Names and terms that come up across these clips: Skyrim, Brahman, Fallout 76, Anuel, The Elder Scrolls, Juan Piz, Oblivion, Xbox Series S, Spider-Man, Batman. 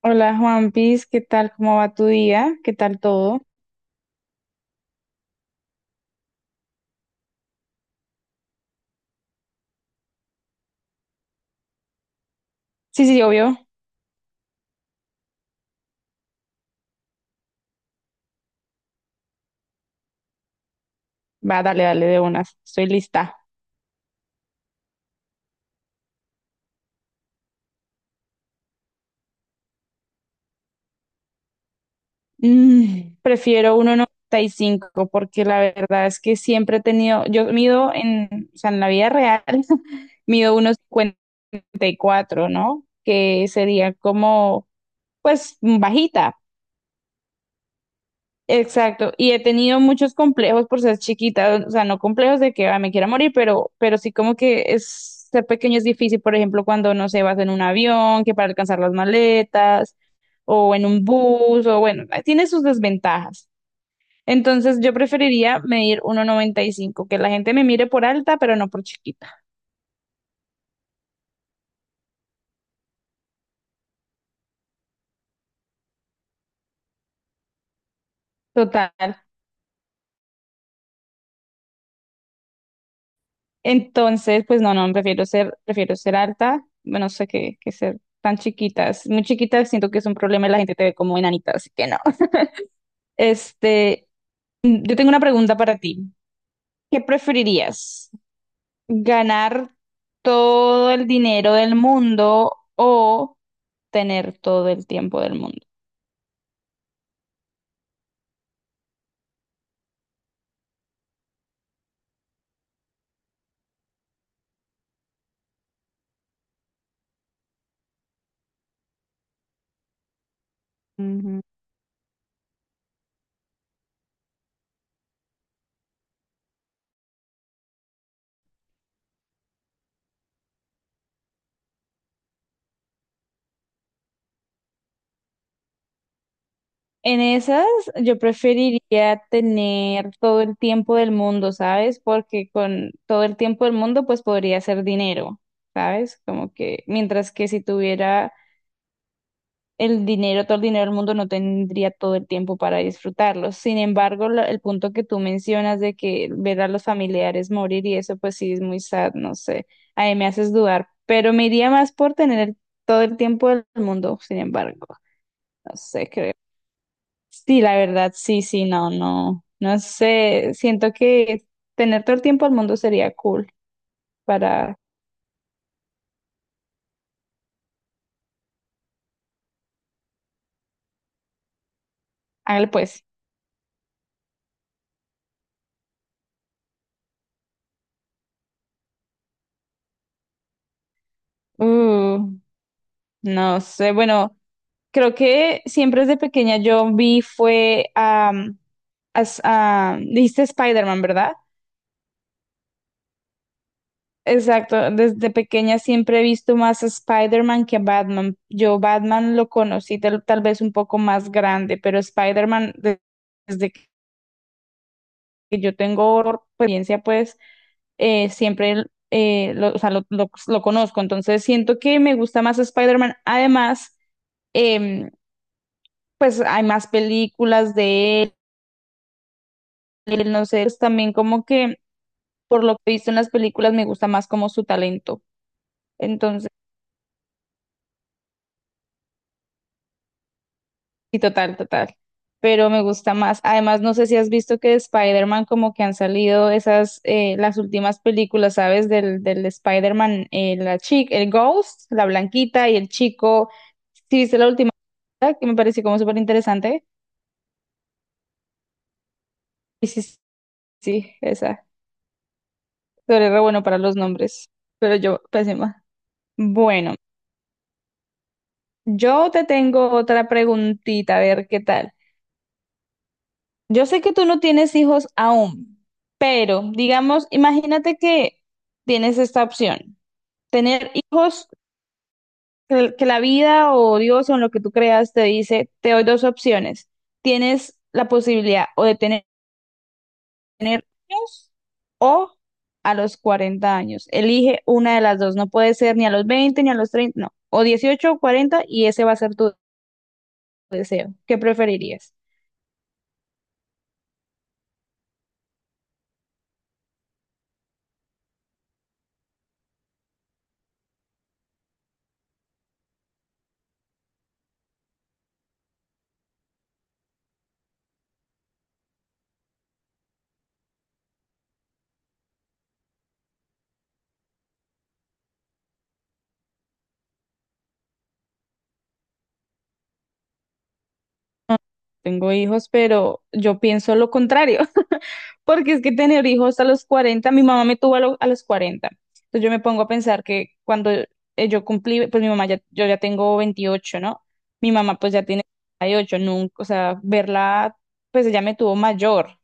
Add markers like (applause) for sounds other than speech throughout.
Hola Juan Piz, ¿qué tal? ¿Cómo va tu día? ¿Qué tal todo? Sí, sí, obvio. Va, dale, dale de unas. Estoy lista. Prefiero uno noventa y cinco porque la verdad es que siempre he tenido, yo mido en, o sea, en la vida real, (laughs) mido 1,54, ¿no? Que sería como, pues, bajita. Exacto, y he tenido muchos complejos por ser chiquita, o sea, no complejos de que "Ay, me quiera morir", pero sí como que es, ser pequeño es difícil, por ejemplo, cuando no sé vas en un avión, que para alcanzar las maletas, o en un bus, o bueno, tiene sus desventajas. Entonces yo preferiría medir uno noventa y cinco, que la gente me mire por alta, pero no por chiquita. Total. Entonces, pues no, no, prefiero ser alta, no sé qué, que ser tan chiquitas. Muy chiquitas siento que es un problema y la gente te ve como enanita, así que no. Este, yo tengo una pregunta para ti. ¿Qué preferirías? ¿Ganar todo el dinero del mundo o tener todo el tiempo del mundo? Ujú. En esas, yo preferiría tener todo el tiempo del mundo, ¿sabes? Porque con todo el tiempo del mundo, pues podría hacer dinero, ¿sabes? Como que, mientras que si tuviera el dinero, todo el dinero del mundo no tendría todo el tiempo para disfrutarlo. Sin embargo, el punto que tú mencionas de que ver a los familiares morir y eso, pues sí es muy sad, no sé. Ahí me haces dudar, pero me iría más por tener todo el tiempo del mundo, sin embargo, no sé, creo. Sí, la verdad, sí, sí, no, no, no sé. Siento que tener todo el tiempo del mundo sería cool para, hágale pues. Uh, no sé, bueno. Creo que siempre desde pequeña yo vi fue dijiste Spider-Man, ¿verdad? Exacto, desde pequeña siempre he visto más a Spider-Man que a Batman. Yo Batman lo conocí tal, tal vez un poco más grande, pero desde que yo tengo experiencia, pues siempre lo, o sea, lo, lo conozco, entonces siento que me gusta más Spider-Man. Además, em, pues hay más películas de él, no sé, es también como que por lo que he visto en las películas me gusta más como su talento. Entonces, sí, total, total. Pero me gusta más. Además, no sé si has visto que de Spider-Man como que han salido esas, las últimas películas, ¿sabes? Del Spider-Man, la chica, el Ghost, la blanquita y el chico. ¿Sí viste la última? Que me pareció como súper interesante. Y sí, sí, sí, esa. Pero re bueno para los nombres, pero yo pésima. Bueno. Yo te tengo otra preguntita, a ver qué tal. Yo sé que tú no tienes hijos aún, pero digamos, imagínate que tienes esta opción, tener hijos que la vida o Dios o en lo que tú creas te dice, te doy dos opciones. Tienes la posibilidad o de tener hijos o a los 40 años. Elige una de las dos, no puede ser ni a los 20 ni a los 30, no, o 18 o 40 y ese va a ser tu deseo. ¿Qué preferirías? Tengo hijos, pero yo pienso lo contrario, (laughs) porque es que tener hijos a los 40, mi mamá me tuvo a, a los 40. Entonces yo me pongo a pensar que cuando yo cumplí, pues mi mamá ya, yo ya tengo 28, ¿no? Mi mamá pues ya tiene 38, nunca, o sea, verla, pues ella me tuvo mayor.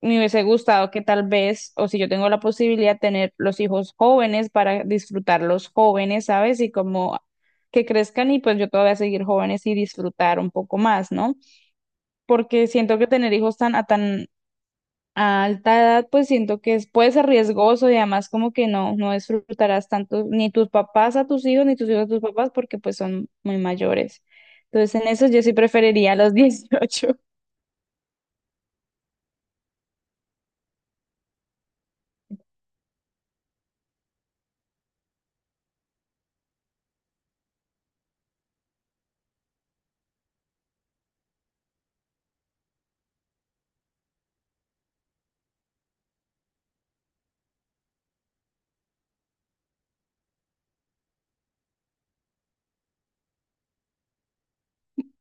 Me hubiese gustado que tal vez, o si yo tengo la posibilidad, tener los hijos jóvenes para disfrutarlos jóvenes, ¿sabes? Y como que crezcan y pues yo todavía seguir jóvenes y disfrutar un poco más, ¿no? Porque siento que tener hijos tan a alta edad, pues siento que es- puede ser riesgoso y además como que no, no disfrutarás tanto ni tus papás a tus hijos, ni tus hijos a tus papás, porque pues son muy mayores. Entonces en eso yo sí preferiría los (laughs) dieciocho.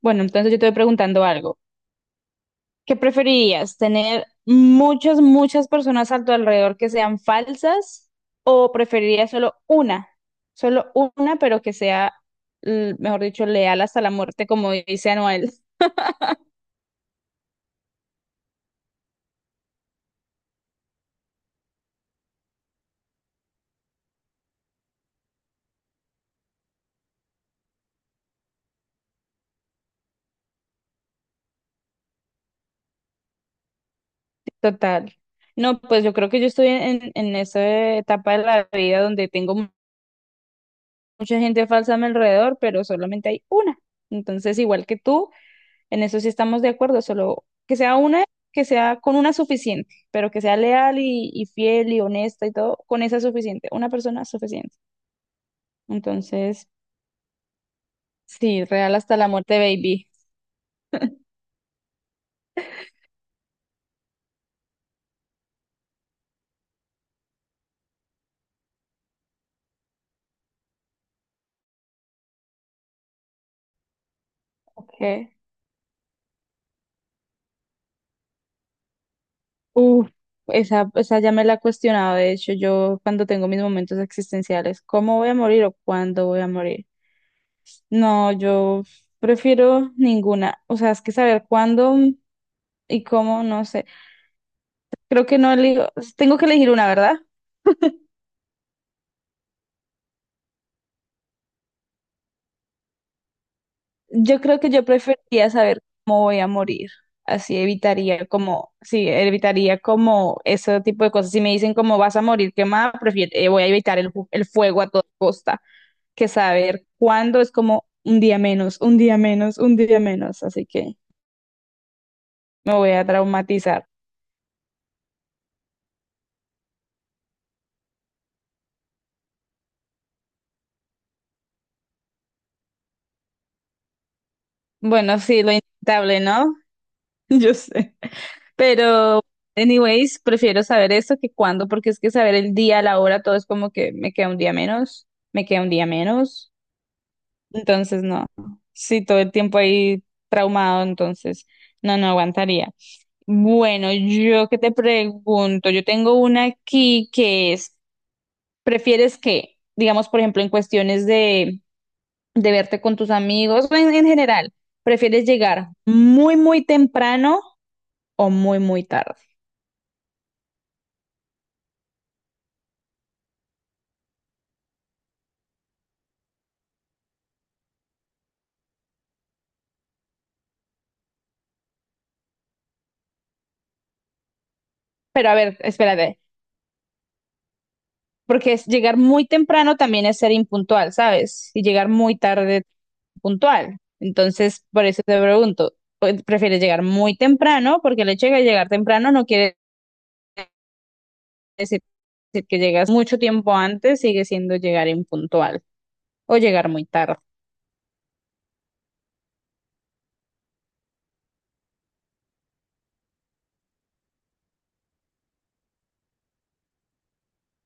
Bueno, entonces yo te voy preguntando algo. ¿Qué preferirías? ¿Tener muchas, muchas personas a tu alrededor que sean falsas o preferirías solo una? Solo una, pero que sea, mejor dicho, leal hasta la muerte, como dice Anuel. Total. No, pues yo creo que yo estoy en esa etapa de la vida donde tengo mucha gente falsa a mi alrededor, pero solamente hay una. Entonces, igual que tú, en eso sí estamos de acuerdo, solo que sea una, que sea con una suficiente, pero que sea leal y fiel y honesta y todo, con esa suficiente, una persona suficiente. Entonces, sí, real hasta la muerte, baby. Okay. Uf, esa ya me la he cuestionado, de hecho, yo cuando tengo mis momentos existenciales, ¿cómo voy a morir o cuándo voy a morir? No, yo prefiero ninguna. O sea, es que saber cuándo y cómo, no sé. Creo que no elijo. Tengo que elegir una, ¿verdad? Yo creo que yo preferiría saber cómo voy a morir. Así evitaría como, sí, evitaría como ese tipo de cosas. Si me dicen cómo vas a morir quemada, prefiero, voy a evitar el, el fuego a toda costa, que saber cuándo es como un día menos, un día menos, un día menos. Así que me voy a traumatizar. Bueno, sí, lo inevitable, ¿no? (laughs) Yo sé. Pero, anyways, prefiero saber eso que cuándo, porque es que saber el día, la hora, todo es como que me queda un día menos, me queda un día menos. Entonces, no. Sí, todo el tiempo ahí traumado, entonces, no, no aguantaría. Bueno, yo que te pregunto, yo tengo una aquí que es, ¿prefieres que, digamos, por ejemplo, en cuestiones de verte con tus amigos o en general, ¿prefieres llegar muy, muy temprano o muy, muy tarde? Pero a ver, espérate. Porque es llegar muy temprano también es ser impuntual, ¿sabes? Y llegar muy tarde puntual. Entonces, por eso te pregunto, pues, ¿prefieres llegar muy temprano? Porque el hecho de llegar temprano no quiere decir decir que llegas mucho tiempo antes, sigue siendo llegar impuntual o llegar muy tarde.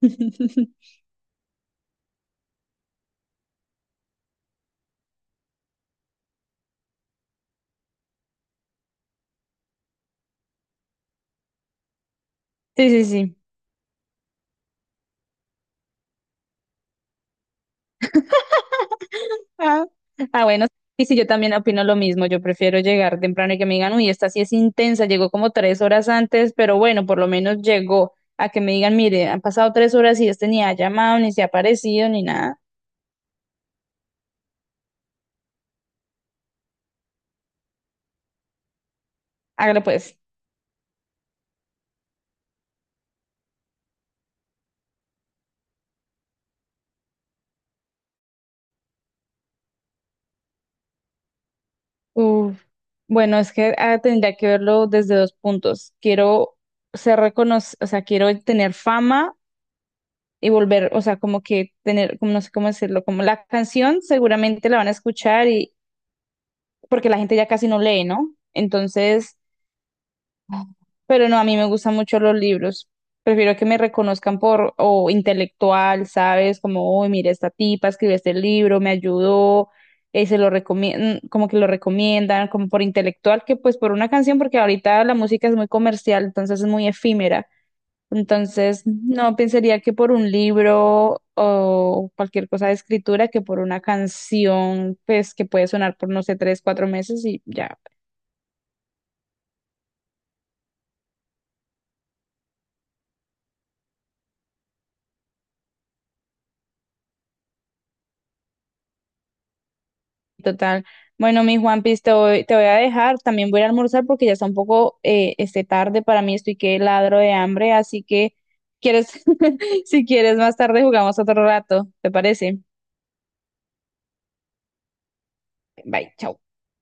(laughs) Sí, sí, sí. Ah, ah, bueno, sí, sí, yo también opino lo mismo. Yo prefiero llegar temprano y que me digan, uy, esta sí es intensa, llegó como 3 horas antes, pero bueno, por lo menos llegó a que me digan, mire, han pasado 3 horas y este ni ha llamado, ni se ha aparecido, ni nada. Hágale pues. Uf. Bueno, es que ah, tendría que verlo desde dos puntos. Quiero ser reconocido, o sea, quiero tener fama y volver, o sea, como que tener, como no sé cómo decirlo, como la canción seguramente la van a escuchar porque la gente ya casi no lee, ¿no? Entonces, pero no, a mí me gustan mucho los libros. Prefiero que me reconozcan por, o intelectual, ¿sabes? Como, uy, mira, esta tipa escribió este libro, me ayudó, se lo recomiendan, como que lo recomiendan, como por intelectual, que pues por una canción, porque ahorita la música es muy comercial, entonces es muy efímera. Entonces, no pensaría que por un libro o cualquier cosa de escritura, que por una canción, pues que puede sonar por, no sé, 3, 4 meses y ya. Total. Bueno, mi Juanpis, te voy a dejar. También voy a ir a almorzar porque ya está un poco este tarde para mí. Estoy que ladro de hambre, así que quieres, (laughs) si quieres más tarde jugamos otro rato. ¿Te parece? Bye, chao.